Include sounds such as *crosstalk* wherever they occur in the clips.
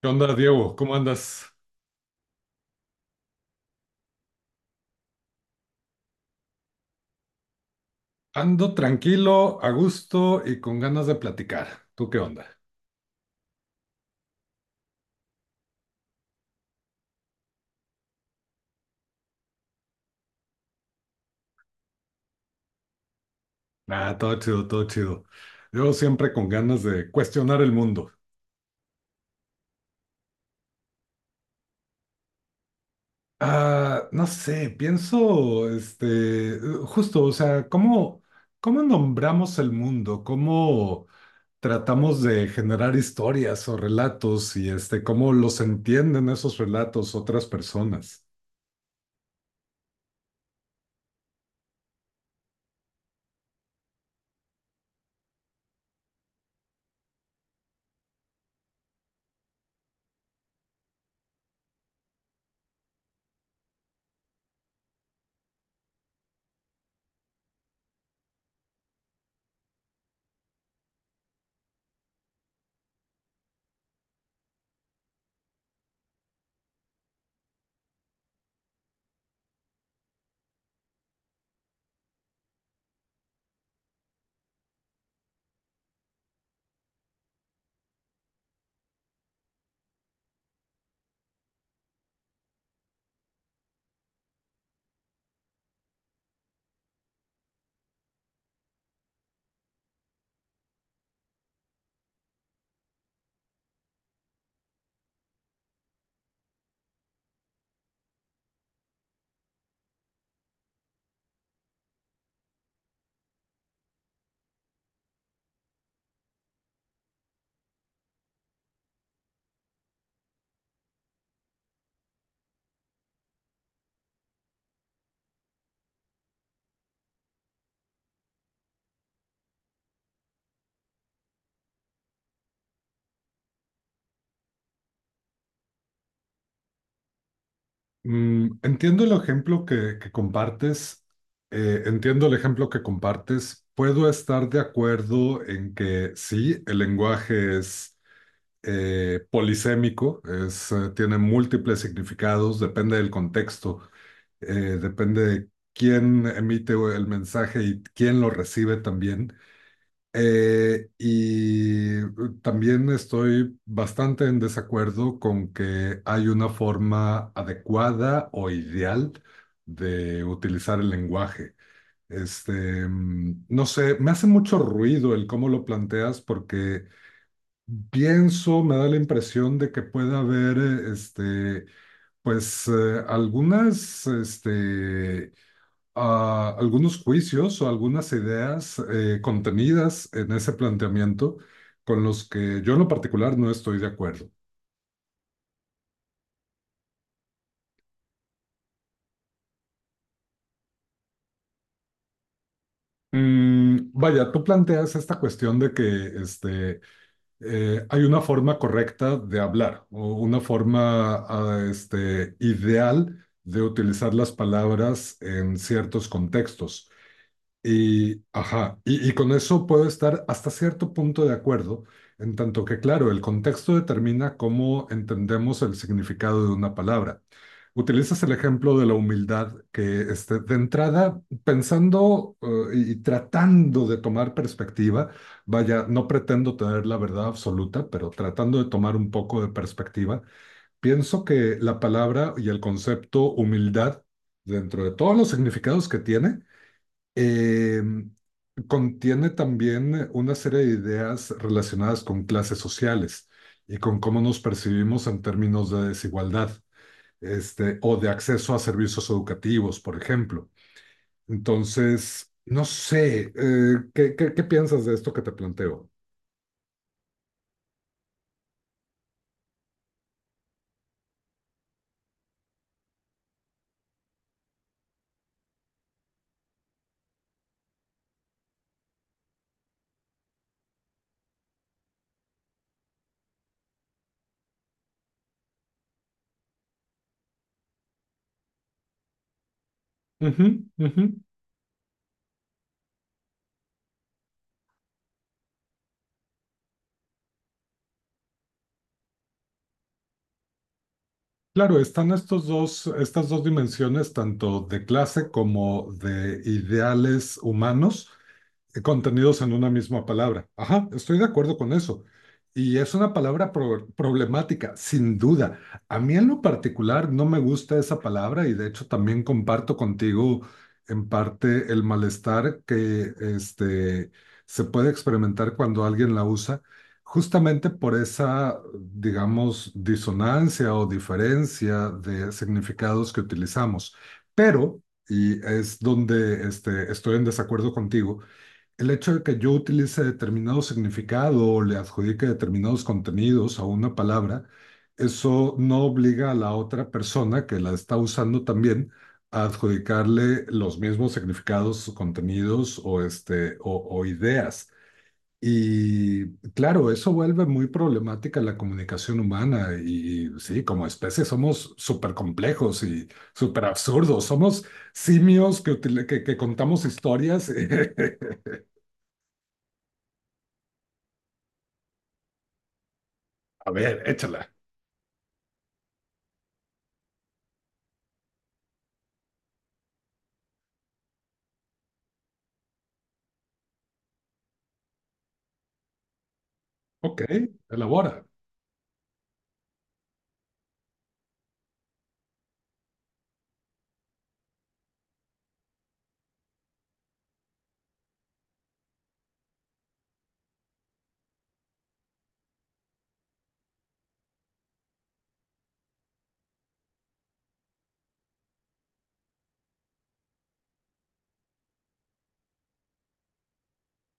¿Qué onda, Diego? ¿Cómo andas? Ando tranquilo, a gusto y con ganas de platicar. ¿Tú qué onda? Ah, todo chido, todo chido. Yo siempre con ganas de cuestionar el mundo. Ah, no sé, pienso, este, justo, o sea, ¿cómo nombramos el mundo? ¿Cómo tratamos de generar historias o relatos y este, cómo los entienden esos relatos otras personas? Mm, entiendo el ejemplo que compartes, entiendo el ejemplo que compartes. Puedo estar de acuerdo en que sí, el lenguaje es polisémico, es, tiene múltiples significados, depende del contexto, depende de quién emite el mensaje y quién lo recibe también. Y también estoy bastante en desacuerdo con que hay una forma adecuada o ideal de utilizar el lenguaje. Este, no sé, me hace mucho ruido el cómo lo planteas porque pienso, me da la impresión de que puede haber, este, pues algunas, este, a algunos juicios o algunas ideas contenidas en ese planteamiento con los que yo en lo particular no estoy de acuerdo. Vaya, tú planteas esta cuestión de que este, hay una forma correcta de hablar o una forma este, ideal de utilizar las palabras en ciertos contextos. Y, ajá, y con eso puedo estar hasta cierto punto de acuerdo, en tanto que, claro, el contexto determina cómo entendemos el significado de una palabra. Utilizas el ejemplo de la humildad, que este, de entrada, pensando y tratando de tomar perspectiva, vaya, no pretendo tener la verdad absoluta, pero tratando de tomar un poco de perspectiva, pienso que la palabra y el concepto humildad, dentro de todos los significados que tiene, em, contiene también una serie de ideas relacionadas con clases sociales y con cómo nos percibimos en términos de desigualdad, este, o de acceso a servicios educativos, por ejemplo. Entonces, no sé, ¿qué piensas de esto que te planteo? Ujú, ujú. Claro, estas dos dimensiones, tanto de clase como de ideales humanos, contenidos en una misma palabra. Ajá, estoy de acuerdo con eso. Y es una palabra problemática, sin duda. A mí en lo particular no me gusta esa palabra y de hecho también comparto contigo en parte el malestar que este, se puede experimentar cuando alguien la usa, justamente por esa, digamos, disonancia o diferencia de significados que utilizamos. Pero, y es donde este, estoy en desacuerdo contigo, el hecho de que yo utilice determinado significado o le adjudique determinados contenidos a una palabra, eso no obliga a la otra persona que la está usando también a adjudicarle los mismos significados, contenidos o, este, o ideas. Y claro, eso vuelve muy problemática la comunicación humana y sí, como especie somos súper complejos y súper absurdos. Somos simios que contamos historias *laughs* A ver, échala. Ok, elabora.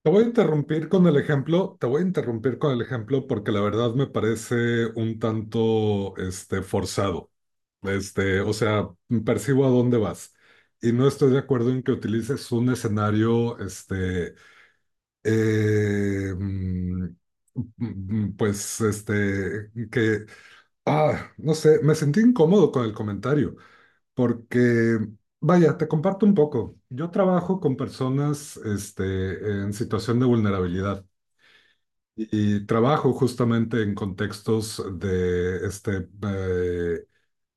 Te voy a interrumpir con el ejemplo, te voy a interrumpir con el ejemplo porque la verdad me parece un tanto, este, forzado. Este, o sea, percibo a dónde vas. Y no estoy de acuerdo en que utilices un escenario, este, eh, mm, pues, este, que, ah, no sé, me sentí incómodo con el comentario. Porque, vaya, te comparto un poco. Yo trabajo con personas, este, en situación de vulnerabilidad y trabajo justamente en contextos de, este,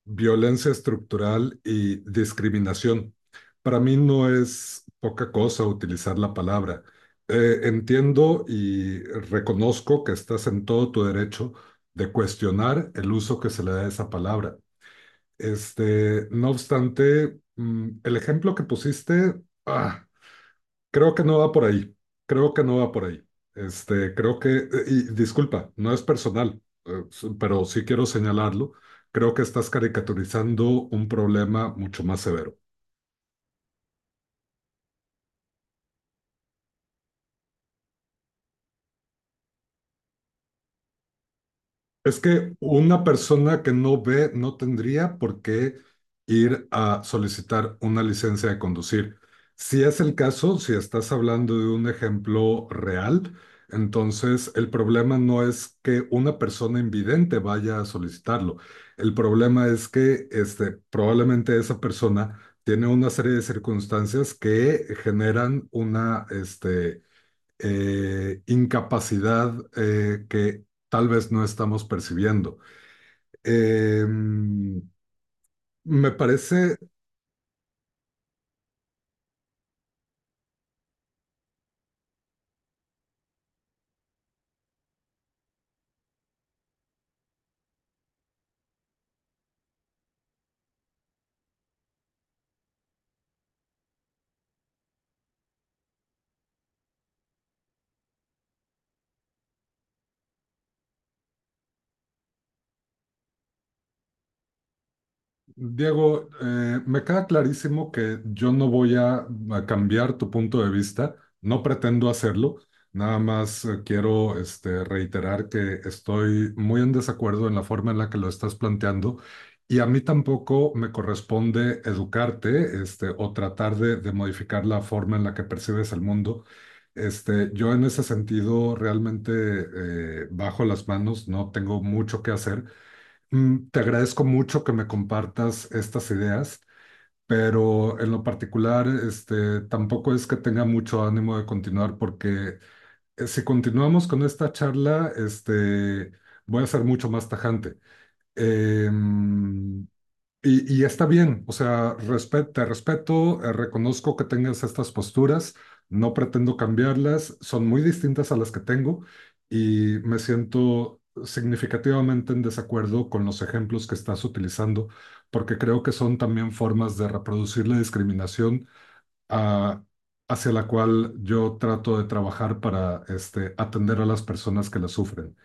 violencia estructural y discriminación. Para mí no es poca cosa utilizar la palabra. Entiendo y reconozco que estás en todo tu derecho de cuestionar el uso que se le da a esa palabra. Este, no obstante, el ejemplo que pusiste, ah, creo que no va por ahí. Creo que no va por ahí. Este, creo que, y disculpa, no es personal, pero sí quiero señalarlo. Creo que estás caricaturizando un problema mucho más severo. Es que una persona que no ve no tendría por qué ir a solicitar una licencia de conducir. Si es el caso, si estás hablando de un ejemplo real, entonces el problema no es que una persona invidente vaya a solicitarlo. El problema es que este, probablemente esa persona tiene una serie de circunstancias que generan una, este, incapacidad que tal vez no estamos percibiendo. Eh, me parece Diego, me queda clarísimo que yo no voy a cambiar tu punto de vista, no pretendo hacerlo, nada más quiero este, reiterar que estoy muy en desacuerdo en la forma en la que lo estás planteando y a mí tampoco me corresponde educarte este, o tratar de modificar la forma en la que percibes el mundo. Este, yo en ese sentido realmente bajo las manos, no tengo mucho que hacer. Mm, te agradezco mucho que me compartas estas ideas, pero en lo particular, este, tampoco es que tenga mucho ánimo de continuar porque si continuamos con esta charla, este, voy a ser mucho más tajante. Em, y, y está bien, o sea, te respeto, reconozco que tengas estas posturas, no pretendo cambiarlas, son muy distintas a las que tengo y me siento significativamente en desacuerdo con los ejemplos que estás utilizando, porque creo que son también formas de reproducir la discriminación ah, hacia la cual yo trato de trabajar para este, atender a las personas que la sufren.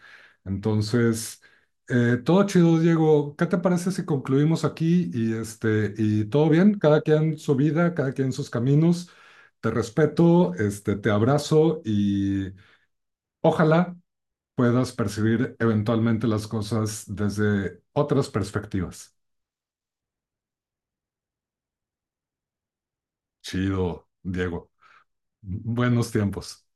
Entonces, todo chido, Diego. ¿Qué te parece si concluimos aquí y este y todo bien? Cada quien su vida, cada quien sus caminos. Te respeto, este, te abrazo y ojalá puedas percibir eventualmente las cosas desde otras perspectivas. Chido, Diego. Buenos tiempos.